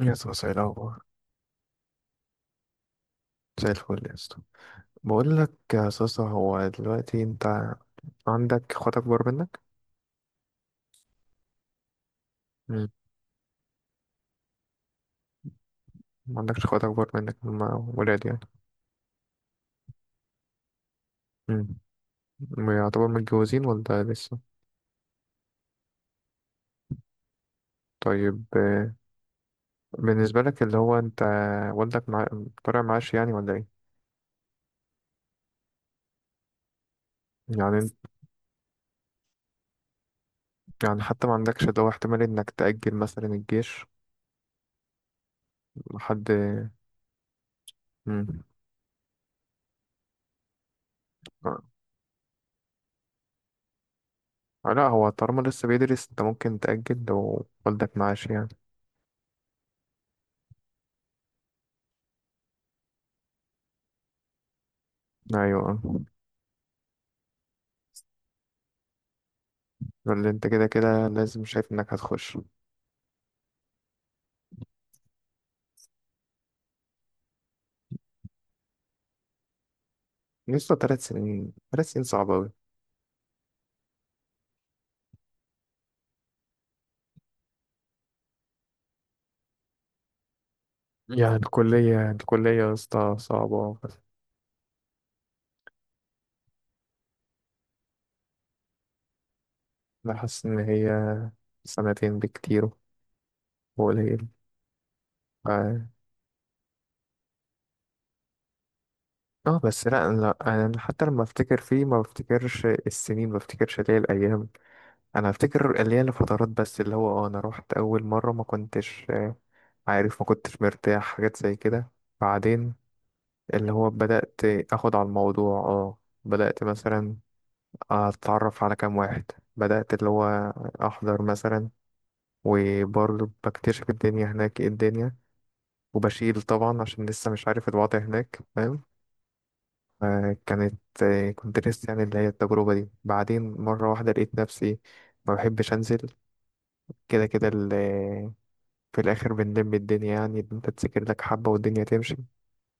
يا اسطى ايه الاخبار؟ زي الفل يا اسطى. بقول لك يا اسطى، هو دلوقتي انت عندك اخوات اكبر منك؟ مم. ما عندكش اخوات اكبر منك، هما ولاد يعني؟ مم. يعتبر متجوزين ولا لسه؟ طيب آه، بالنسبة لك اللي هو انت والدك مع... طالع معاش يعني ولا ايه؟ يعني انت- يعني حتى ما عندكش اللي هو احتمال انك تأجل مثلا الجيش لحد مم. آه، لا هو طالما لسه بيدرس انت ممكن تأجل لو والدك معاش يعني. ايوه، اللي انت كده كده لازم شايف انك هتخش. لسه تلات سنين، تلات سنين صعبة أوي. يعني الكلية يا اسطى صعبة. أنا حاسس إن هي سنتين بكتير وقليل. اه، آه، بس لا. أنا حتى لما أفتكر فيه ما بفتكرش السنين، ما بفتكرش اللي هي الأيام. أنا أفتكر اللي هي الفترات بس، اللي هو اه أنا روحت أول مرة ما كنتش آه، عارف، ما كنتش مرتاح، حاجات زي كده. بعدين اللي هو بدأت أخد على الموضوع اه. بدأت مثلا اتعرف على كام واحد، بدأت اللي هو احضر مثلا، وبرضه بكتشف الدنيا هناك، ايه الدنيا، وبشيل طبعا عشان لسه مش عارف الوضع هناك، فاهم؟ آه، كانت آه، كنت لسه يعني اللي هي التجربة دي. بعدين مرة واحدة لقيت نفسي ما بحبش انزل. كده كده في الاخر بنلم الدنيا، يعني انت تذاكر لك حبة والدنيا تمشي.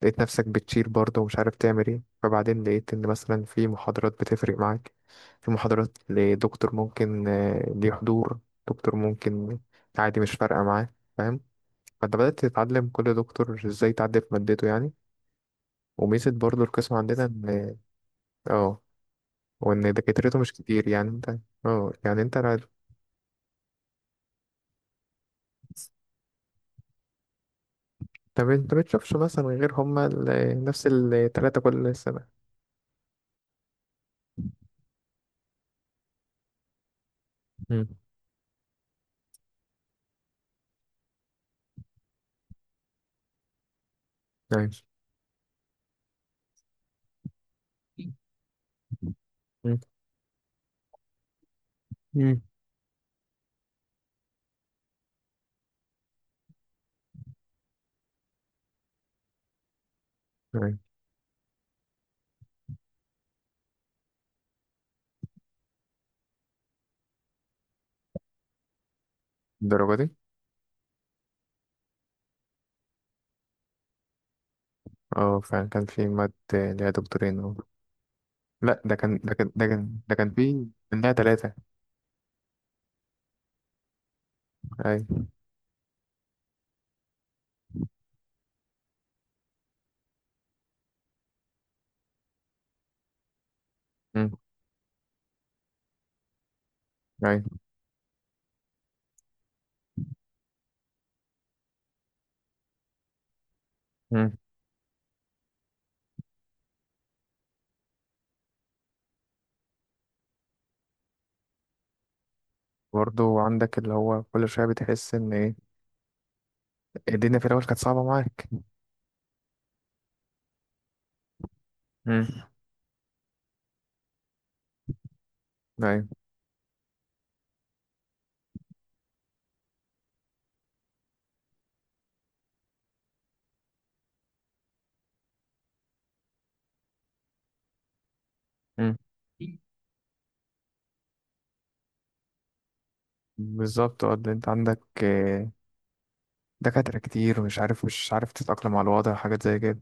لقيت نفسك بتشيل برضه ومش عارف تعمل ايه. فبعدين لقيت ان مثلا في محاضرات بتفرق معاك، في محاضرات لدكتور ممكن آه، ليه حضور، دكتور ممكن عادي مش فارقة معاه، فاهم؟ فانت بدأت تتعلم كل دكتور ازاي تعدي في مادته يعني. وميزة برضه القسم عندنا ان اه، وان دكاترته مش كتير، يعني انت اه، يعني انت لا- طب انت بتشوفش مثلا غير هما نفس التلاتة كل سنة؟ امم. نايس. مم. مم. نايس. الدرجة دي؟ اه فعلا كان في ماد ليها دكتورين اه. لا ده كان، ده كان في. ليها تلاتة. أي. أمم، أي. أمم. برضه عندك اللي هو كل شوية بتحس إن إيه، الدنيا في الأول كانت صعبة معاك. أمم، أي. أمم. بالظبط اه، اللي أنت عندك آه، دكاترة كتير ومش عارف، مش عارف تتأقلم على الوضع، حاجات زي كده.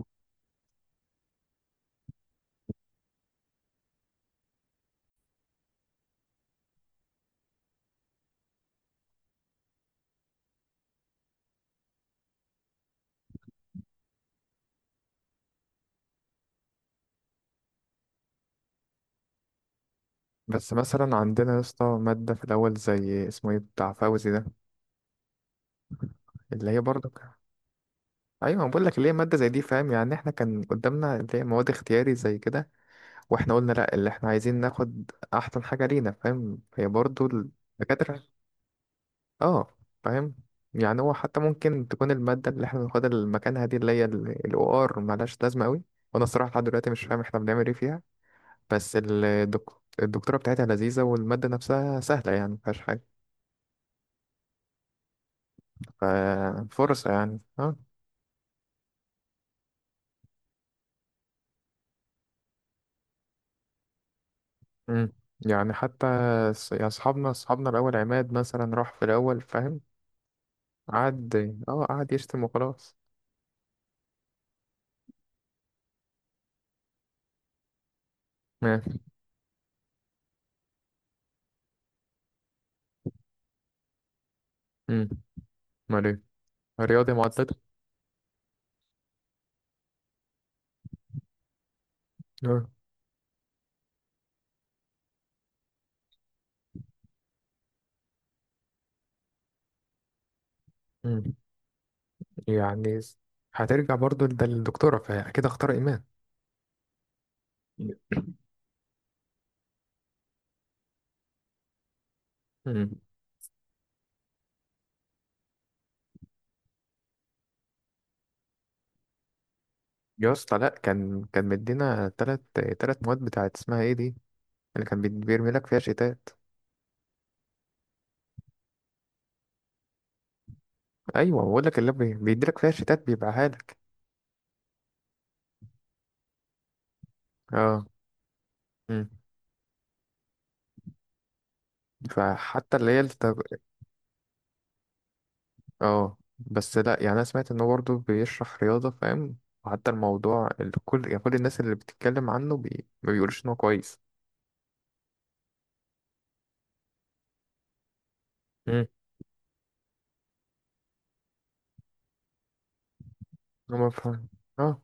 بس مثلا عندنا يا اسطى مادة في الأول زي اسمه إيه بتاع فوزي ده، اللي هي برضه ك- ايوه بقول لك ليه ماده زي دي، فاهم؟ يعني احنا كان قدامنا اللي هي مواد اختياري زي كده، واحنا قلنا لا اللي احنا عايزين ناخد احسن حاجة لينا، فاهم؟ هي برضو الدكاترة اه فاهم. يعني هو حتى ممكن تكون المادة اللي احنا بناخدها مكانها دي، اللي هي ال OR، ملهاش لازمة قوي. وانا الصراحة لحد دلوقتي مش فاهم احنا بنعمل ايه فيها. بس الدكتورة بتاعتها لذيذة، والمادة نفسها سهلة، يعني مفيهاش حاجة. ففرصة يعني اه. مم. يعني حتى يعني اصحابنا الاول عماد مثلا راح في الاول فاهم. قعد اه، قعد يشتم وخلاص. مم. مم. امال؟ رياضي معادلته. آه. مم. يعني هترجع برضو للدكتورة، فأكيد اختار إيمان. مم. يا اسطى لأ، كان مدينا تلات، تلات مواد بتاعت اسمها ايه دي، اللي كان بيرمي لك فيها شيتات. أيوة بقول لك اللي بيديلك فيها شيتات بيبيعها لك. اه. مم. فحتى اللي هي اه بس لأ، يعني أنا سمعت إنه برضو بيشرح رياضة فاهم. وحتى الموضوع اللي كل يعني كل الناس اللي بتتكلم عنه ما بيقولوش إن هو كويس. مم. هما فاهم اه.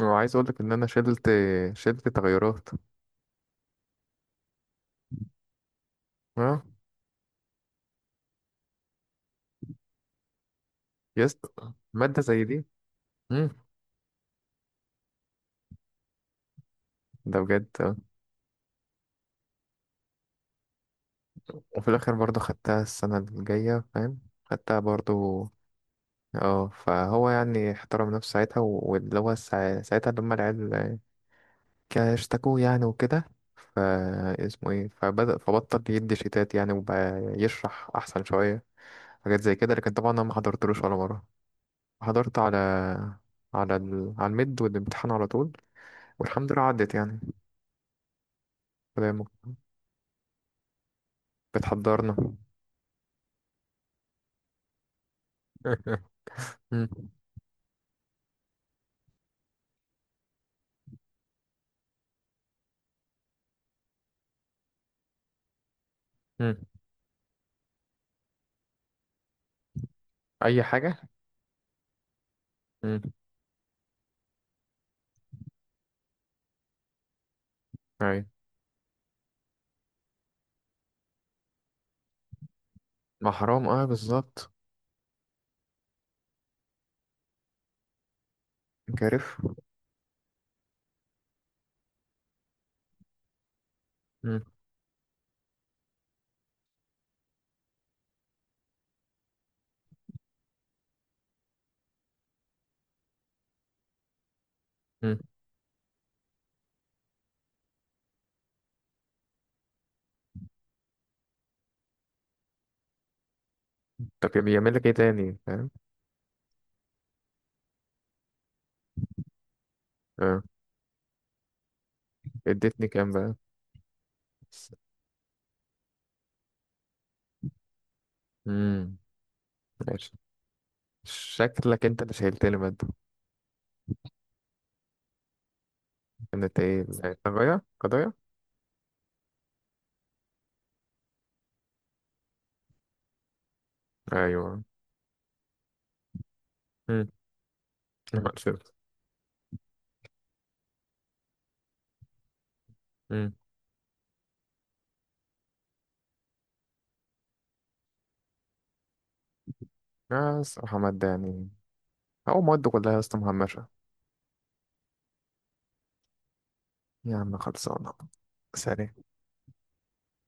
وعايز اقول لك ان انا شلت، شلت تغيرات اه. يس. ماده زي دي؟ امم. ده بجد آه. وفي الاخر برضه خدتها السنه الجايه فاهم، خدتها برضه اه. فهو يعني احترم نفسه ساعتها و- واللي هو ساعتها لما العيال اشتكوه يعني وكده، فا اسمه ايه، فبدأ، فبطل يدي شيتات يعني، وبقى يشرح احسن شويه، حاجات زي كده. لكن طبعا انا ما حضرتلوش ولا مره. حضرت على، على ال... على الميد والامتحان على طول، والحمد لله عدت يعني. كلامك. بتحضرنا. مم. مم. أي حاجة. مم. أيوة. ما حرام أه بالظبط. كارف. مم. مم. طب بيعمل لك إيه تاني فاهم؟ أه. اديتني كام بقى؟ مم. ماشي. شكلك أنت اللي شايلتني مادة. كانت إيه؟ قضايا، قضايا. أيوة. مم. شفت. مم. آه الصراحة مادة يعني، أو مواد كلها يا اسطى مهمشة. يا عم خلصانة. سلام.